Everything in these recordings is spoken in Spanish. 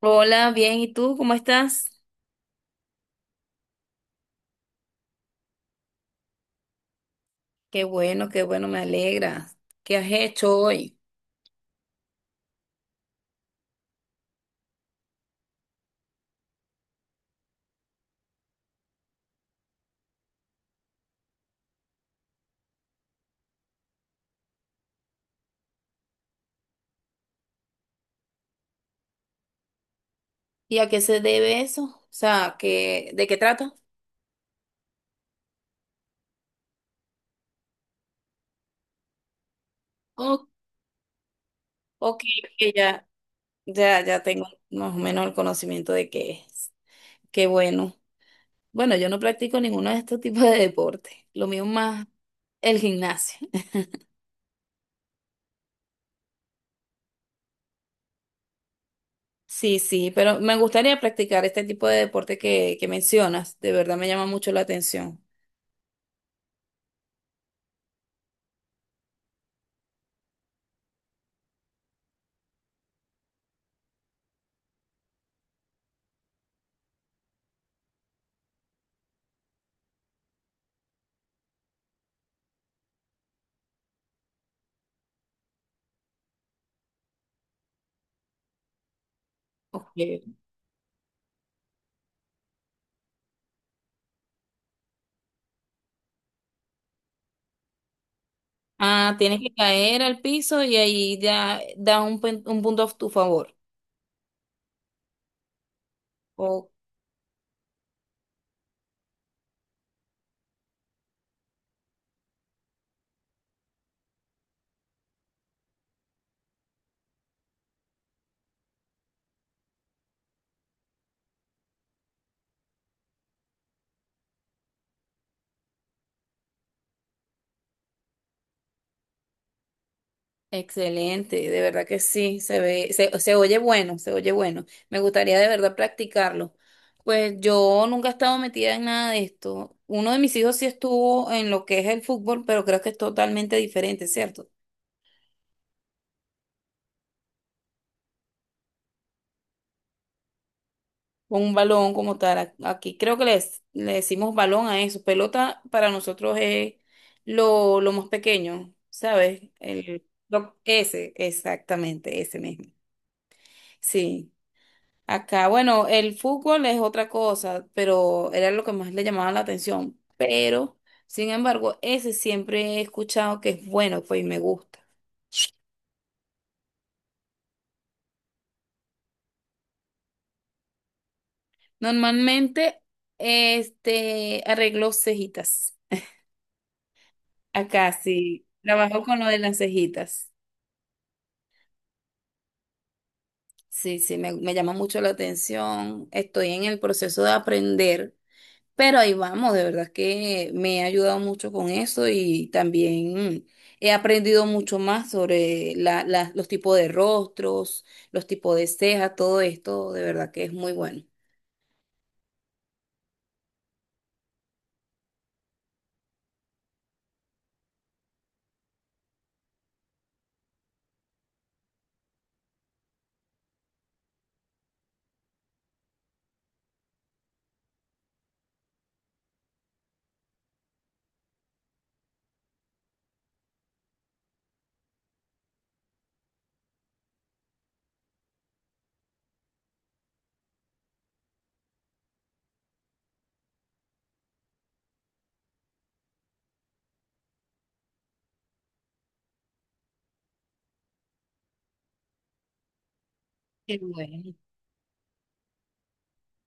Hola, bien, ¿y tú cómo estás? Qué bueno, me alegra. ¿Qué has hecho hoy? ¿Y a qué se debe eso? O sea, ¿de qué trata? Oh, ok, que ya, ya tengo más o menos el conocimiento de qué es. Qué bueno. Bueno, yo no practico ninguno de estos tipos de deportes. Lo mío más el gimnasio. Sí, sí, pero me gustaría practicar este tipo de deporte que mencionas. De verdad me llama mucho la atención. Ok. Ah, tienes que caer al piso y ahí ya da un punto a tu favor. Oh, excelente, de verdad que sí, se oye bueno, se oye bueno. Me gustaría de verdad practicarlo. Pues yo nunca he estado metida en nada de esto. Uno de mis hijos sí estuvo en lo que es el fútbol, pero creo que es totalmente diferente, ¿cierto? Un balón como tal. Aquí creo que le decimos balón a eso. Pelota para nosotros es lo más pequeño, ¿sabes? Ese, exactamente, ese mismo. Sí. Acá, bueno, el fútbol es otra cosa, pero era lo que más le llamaba la atención. Pero, sin embargo, ese siempre he escuchado que es bueno, pues y me gusta. Normalmente, este, arreglo cejitas. Acá sí, trabajo con lo de las cejitas. Sí, sí, me llama mucho la atención. Estoy en el proceso de aprender, pero ahí vamos, de verdad que me ha ayudado mucho con eso y también he aprendido mucho más sobre los tipos de rostros, los tipos de cejas, todo esto, de verdad que es muy bueno. Qué bueno.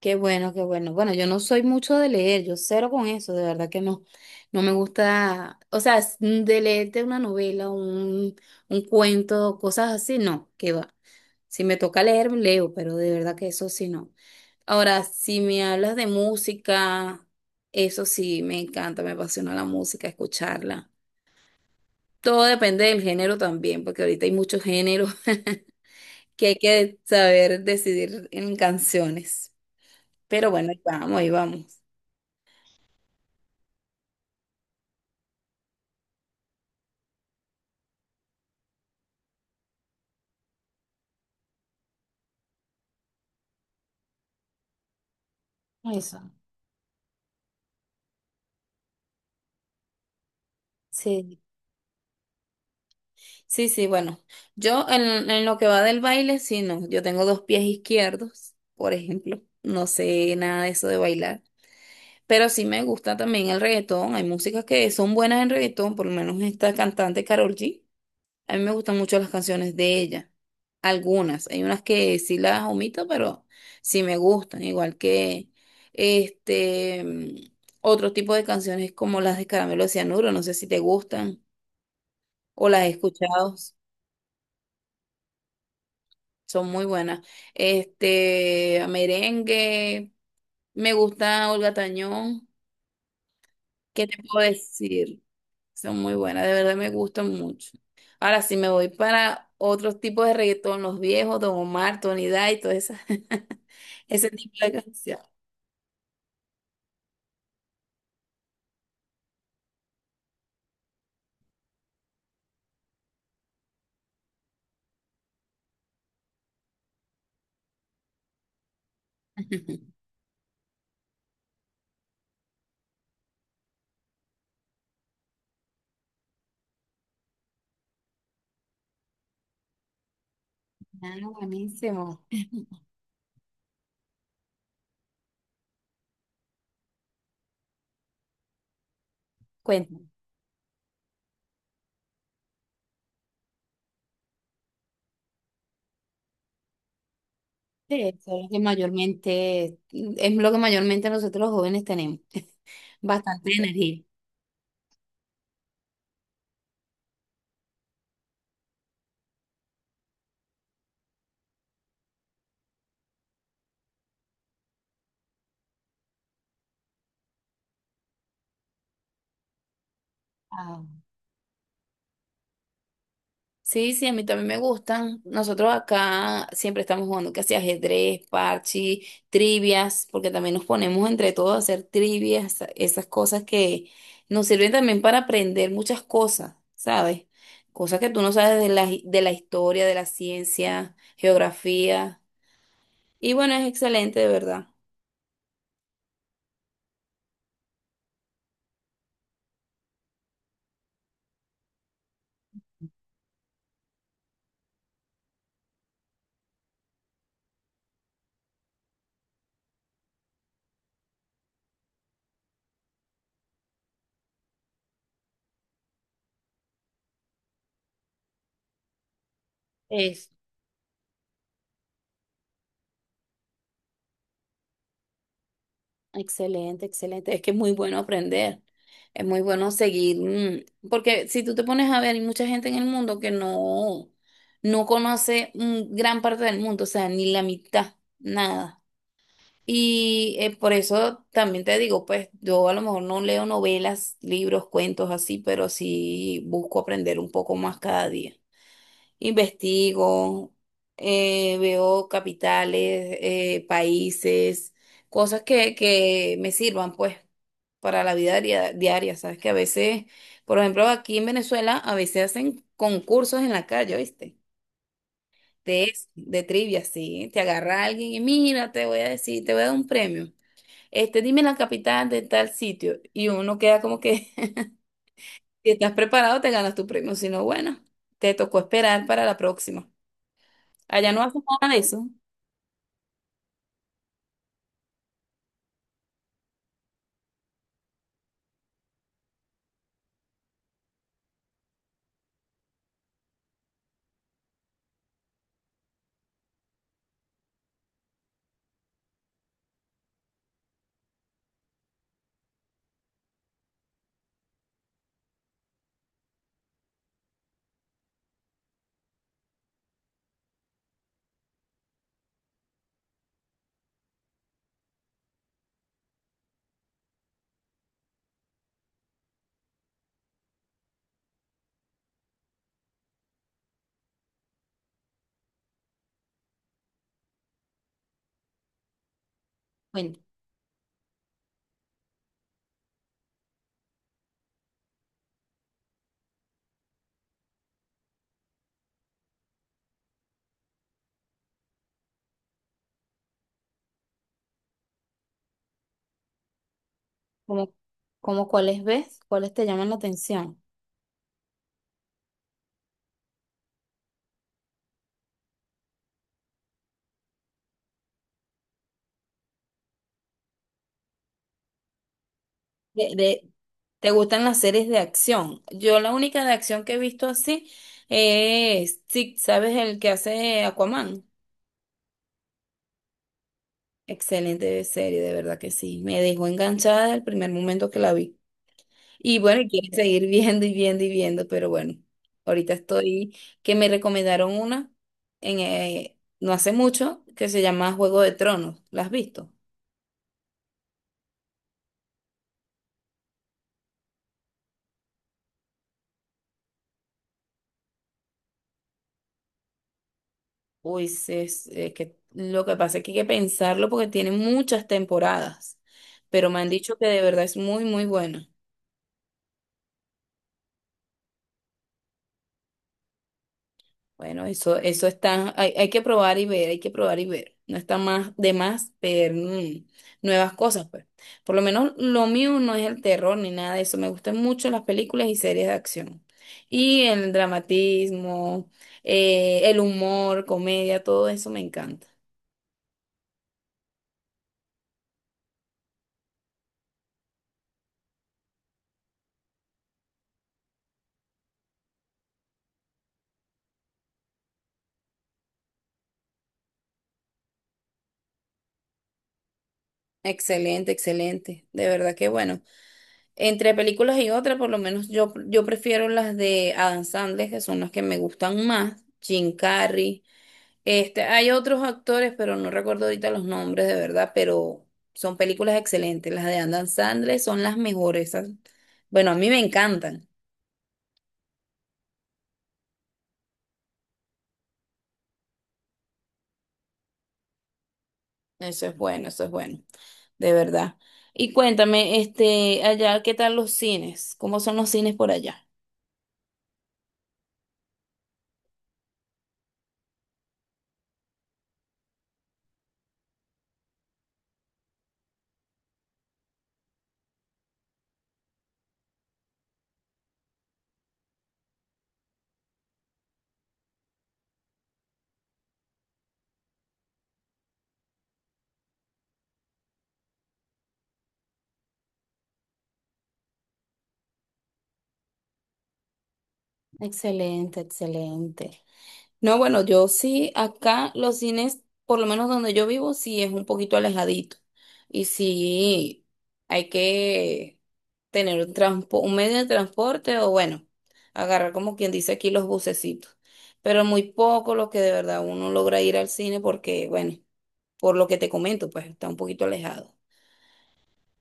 Qué bueno, qué bueno. Bueno, yo no soy mucho de leer, yo cero con eso, de verdad que no. No me gusta, o sea, de leerte una novela, un cuento, cosas así, no, qué va. Si me toca leer, leo, pero de verdad que eso sí no. Ahora, si me hablas de música, eso sí, me encanta, me apasiona la música, escucharla. Todo depende del género también, porque ahorita hay muchos géneros que hay que saber decidir en canciones. Pero bueno, ahí vamos, ahí vamos. Eso. Sí, sí, sí, bueno, yo en lo que va del baile, sí, no, yo tengo dos pies izquierdos, por ejemplo, no sé nada de eso de bailar, pero sí me gusta también el reggaetón, hay músicas que son buenas en reggaetón, por lo menos esta cantante Karol G, a mí me gustan mucho las canciones de ella, algunas, hay unas que sí las omito, pero sí me gustan, igual que este, mm, otro tipo de canciones como las de Caramelo de Cianuro, no sé si te gustan. O las he escuchado, son muy buenas. Este, merengue, me gusta Olga Tañón, ¿qué te puedo decir? Son muy buenas, de verdad me gustan mucho. Ahora, si me voy para otros tipos de reggaetón, los viejos, Don Omar, Tony Dice, todo esa, ese tipo de canción. Ah, buenísimo. Cuéntame. Sí, eso es lo que mayormente, es lo que mayormente nosotros los jóvenes tenemos. Bastante energía. Ah. Sí, sí, a mí también me gustan. Nosotros acá siempre estamos jugando casi ajedrez, parche, trivias, porque también nos ponemos entre todos a hacer trivias, esas cosas que nos sirven también para aprender muchas cosas, ¿sabes? Cosas que tú no sabes de de la historia, de la ciencia, geografía. Y bueno, es excelente, de verdad. Excelente, excelente. Es que es muy bueno aprender. Es muy bueno seguir, porque si tú te pones a ver, hay mucha gente en el mundo que no, no conoce gran parte del mundo, o sea, ni la mitad, nada. Y por eso también te digo, pues yo a lo mejor no leo novelas, libros, cuentos así, pero sí busco aprender un poco más cada día. Investigo, veo capitales, países, cosas que me sirvan, pues, para la vida diaria, diaria, ¿sabes? Que a veces, por ejemplo, aquí en Venezuela, a veces hacen concursos en la calle, ¿viste? De eso, de trivia, sí. Te agarra alguien y mira, te voy a decir, te voy a dar un premio. Este, dime la capital de tal sitio. Y uno queda como que, si estás preparado, te ganas tu premio. Si no, bueno, te tocó esperar para la próxima. Allá no hacen nada de eso. Cuenta, ¿cómo, cómo cuáles ves? ¿Cuáles te llaman la atención? De, de- ¿Te gustan las series de acción? Yo la única de acción que he visto así es, sí, ¿sabes el que hace Aquaman? Excelente serie, de verdad que sí. Me dejó enganchada el primer momento que la vi. Y bueno, y quiero seguir viendo y viendo y viendo, pero bueno, ahorita estoy, que me recomendaron una en, no hace mucho que se llama Juego de Tronos. ¿La has visto? Uy, sí, es, que lo que pasa es que hay que pensarlo porque tiene muchas temporadas, pero me han dicho que de verdad es muy, muy buena. Bueno, eso está, hay que probar y ver, hay que probar y ver. No está más de más ver nuevas cosas, pues. Por lo menos lo mío no es el terror ni nada de eso. Me gustan mucho las películas y series de acción. Y el dramatismo, el humor, comedia, todo eso me encanta. Excelente, excelente. De verdad que bueno. Entre películas y otras, por lo menos yo prefiero las de Adam Sandler, que son las que me gustan más. Jim Carrey. Este, hay otros actores, pero no recuerdo ahorita los nombres de verdad, pero son películas excelentes. Las de Adam Sandler son las mejores. Esas- Bueno, a mí me encantan. Eso es bueno, de verdad. Y cuéntame, este, allá, ¿qué tal los cines? ¿Cómo son los cines por allá? Excelente, excelente. No, bueno, yo sí, acá los cines, por lo menos donde yo vivo, sí es un poquito alejadito. Y sí, hay que tener un un medio de transporte o bueno, agarrar como quien dice aquí los bucecitos. Pero muy poco lo que de verdad uno logra ir al cine porque, bueno, por lo que te comento, pues está un poquito alejado.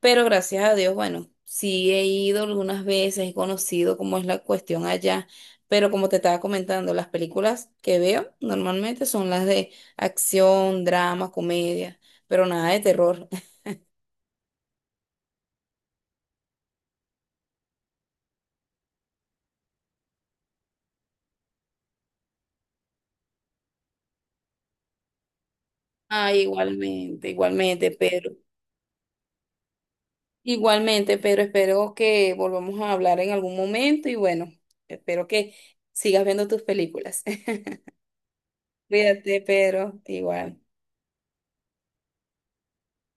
Pero gracias a Dios, bueno, sí he ido algunas veces, he conocido cómo es la cuestión allá, pero como te estaba comentando, las películas que veo normalmente son las de acción, drama, comedia, pero nada de terror. Ah, igualmente, igualmente, Pedro. Igualmente, Pedro, espero que volvamos a hablar en algún momento y bueno, espero que sigas viendo tus películas. Cuídate, Pedro, igual.